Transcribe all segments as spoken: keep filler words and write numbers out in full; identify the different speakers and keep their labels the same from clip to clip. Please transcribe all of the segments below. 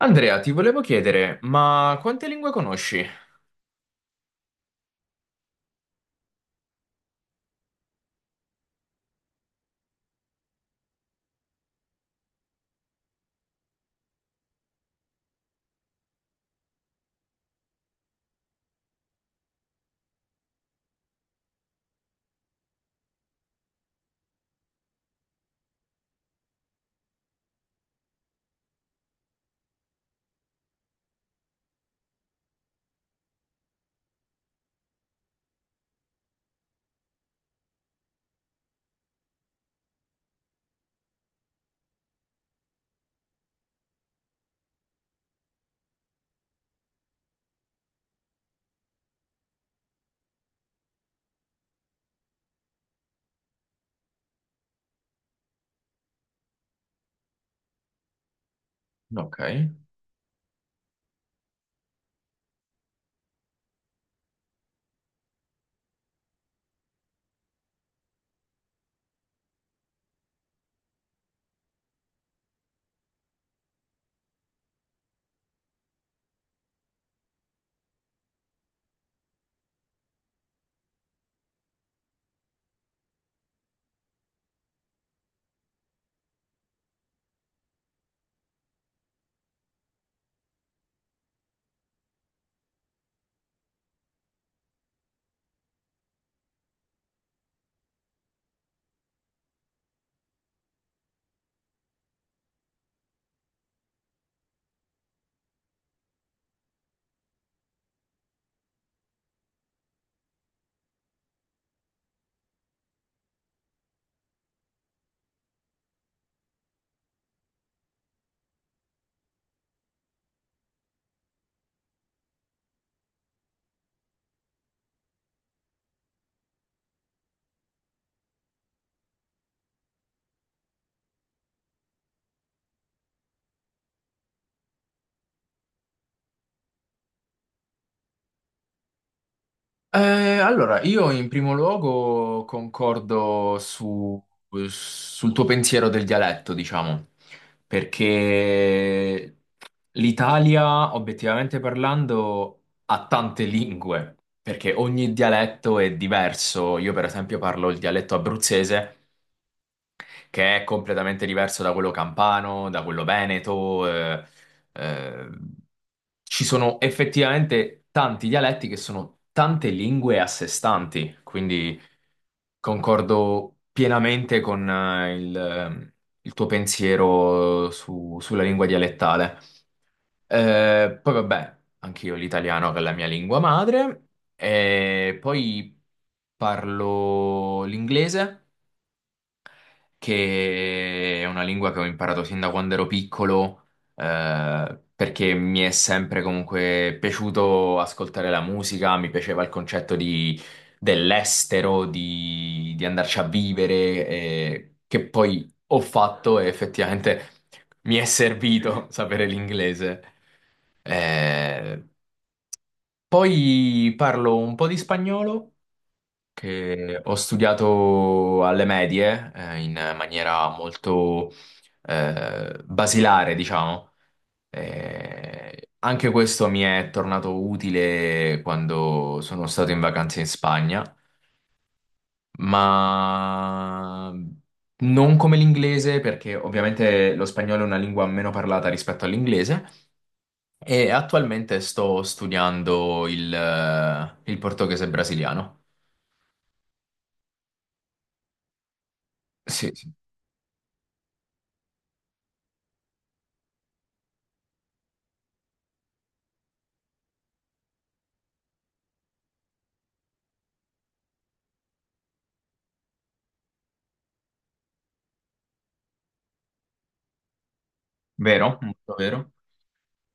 Speaker 1: Andrea, ti volevo chiedere, ma quante lingue conosci? Ok. Eh, allora, io in primo luogo concordo su- sul tuo pensiero del dialetto, diciamo, perché l'Italia, obiettivamente parlando, ha tante lingue, perché ogni dialetto è diverso. Io, per esempio, parlo il dialetto abruzzese che è completamente diverso da quello campano, da quello veneto. eh, eh, Ci sono effettivamente tanti dialetti che sono tante lingue a sé stanti, quindi concordo pienamente con eh, il, eh, il tuo pensiero su- sulla lingua dialettale. Eh, poi vabbè, anch'io l'italiano che è la mia lingua madre, e poi parlo l'inglese che è una lingua che ho imparato sin da quando ero piccolo, eh, perché mi è sempre comunque piaciuto ascoltare la musica, mi piaceva il concetto di- dell'estero, di, di andarci a vivere, eh, che poi ho fatto e effettivamente mi è servito sapere l'inglese. Eh, poi parlo un po' di spagnolo che ho studiato alle medie, eh, in maniera molto eh, basilare, diciamo. Eh, anche questo mi è tornato utile quando sono stato in vacanza in Spagna, ma non come l'inglese, perché ovviamente lo spagnolo è una lingua meno parlata rispetto all'inglese. E attualmente sto studiando il, eh, il portoghese brasiliano. Sì, sì. Vero? Molto vero.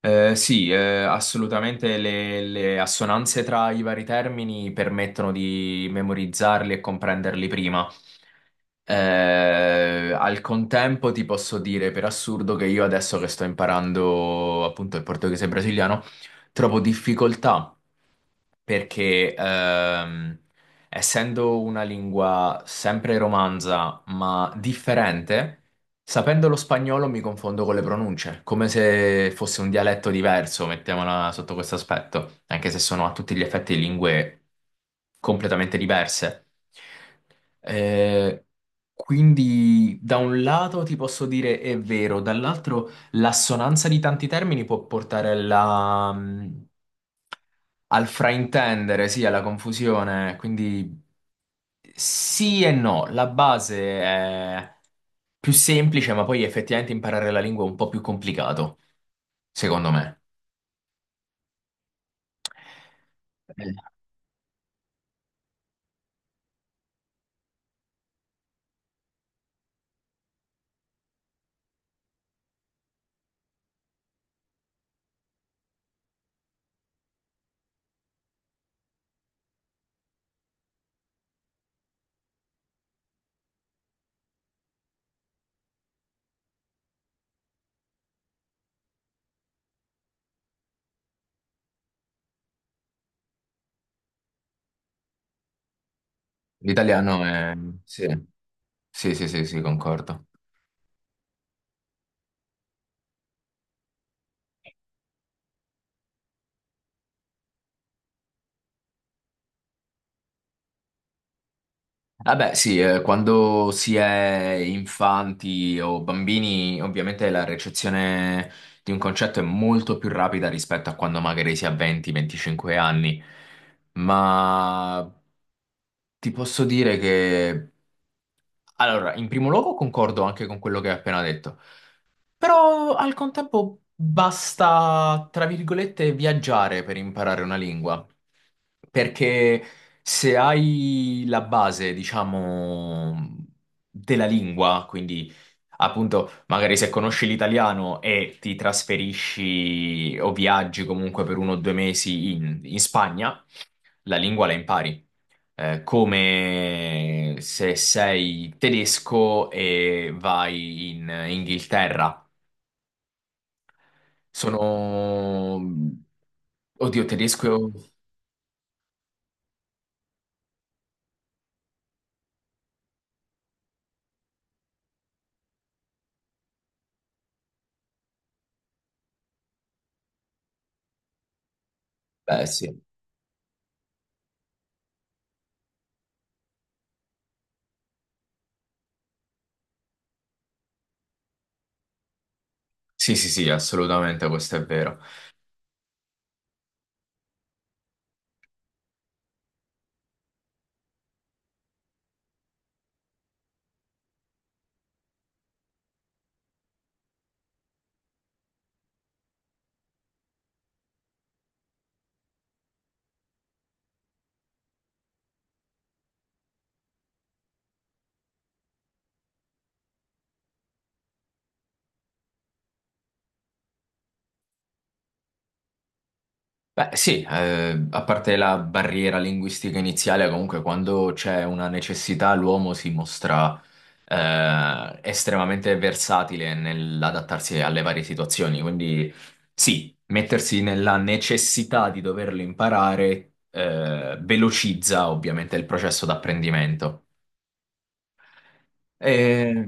Speaker 1: Eh, sì, eh, Assolutamente le, le assonanze tra i vari termini permettono di memorizzarli e comprenderli prima. Eh, Al contempo ti posso dire per assurdo che io adesso che sto imparando appunto il portoghese brasiliano, trovo difficoltà perché ehm, essendo una lingua sempre romanza, ma differente, sapendo lo spagnolo mi confondo con le pronunce, come se fosse un dialetto diverso, mettiamola sotto questo aspetto, anche se sono a tutti gli effetti lingue completamente diverse. Eh, quindi da un lato ti posso dire è vero, dall'altro... L'assonanza di tanti termini può portare alla, mh, al fraintendere, sì, alla confusione, quindi sì e no, la base è più semplice, ma poi effettivamente imparare la lingua è un po' più complicato, secondo me. Eh, L'italiano è... Sì, sì, sì, sì, sì, concordo. Vabbè, sì, eh, quando si è infanti o bambini, ovviamente la recezione di un concetto è molto più rapida rispetto a quando magari si ha venti venticinque anni. Ma ti posso dire che, allora, in primo luogo concordo anche con quello che hai appena detto. Però al contempo basta, tra virgolette, viaggiare per imparare una lingua. Perché se hai la base, diciamo, della lingua, quindi appunto, magari se conosci l'italiano e ti trasferisci o viaggi comunque per uno o due mesi in, in Spagna, la lingua la impari. Eh, come se sei tedesco e vai in Inghilterra sono... Oddio, tedesco... Beh, sì. Sì, sì, sì, assolutamente, questo è vero. Beh, sì, eh, a parte la barriera linguistica iniziale, comunque quando c'è una necessità l'uomo si mostra eh, estremamente versatile nell'adattarsi alle varie situazioni, quindi sì, mettersi nella necessità di doverlo imparare eh, velocizza ovviamente il processo d'apprendimento. E...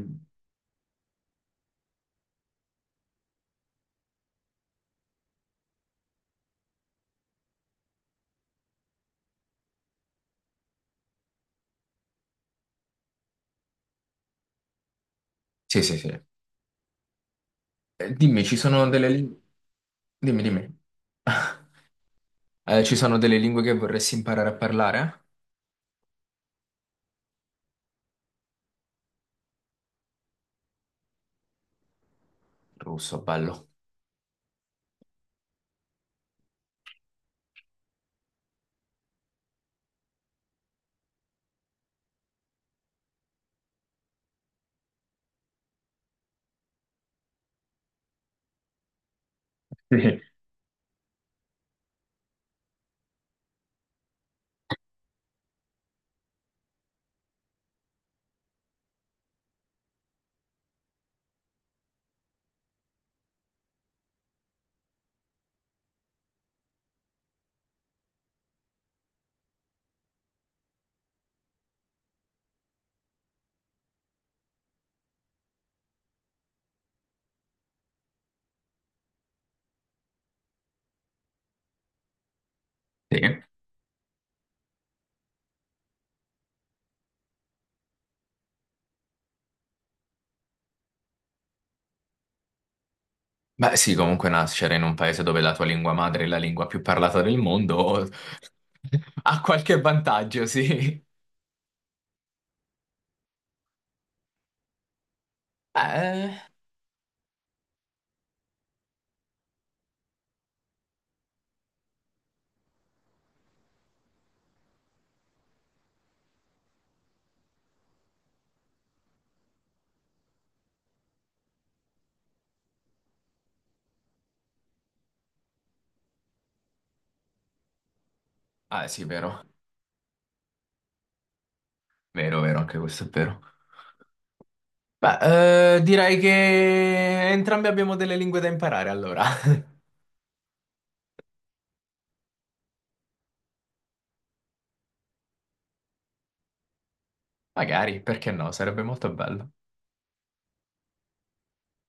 Speaker 1: Sì, sì, sì. Eh, dimmi, ci sono delle lingue... Dimmi, dimmi. Eh, ci sono delle lingue che vorresti imparare a parlare? Russo, bello. Sì. Sì. Beh, sì, comunque nascere in un paese dove la tua lingua madre è la lingua più parlata del mondo ha qualche vantaggio, sì. Eh, ah, sì, vero. Vero, vero, anche questo è vero. Beh, eh, direi che entrambi abbiamo delle lingue da imparare, allora. Magari, perché no? Sarebbe molto bello.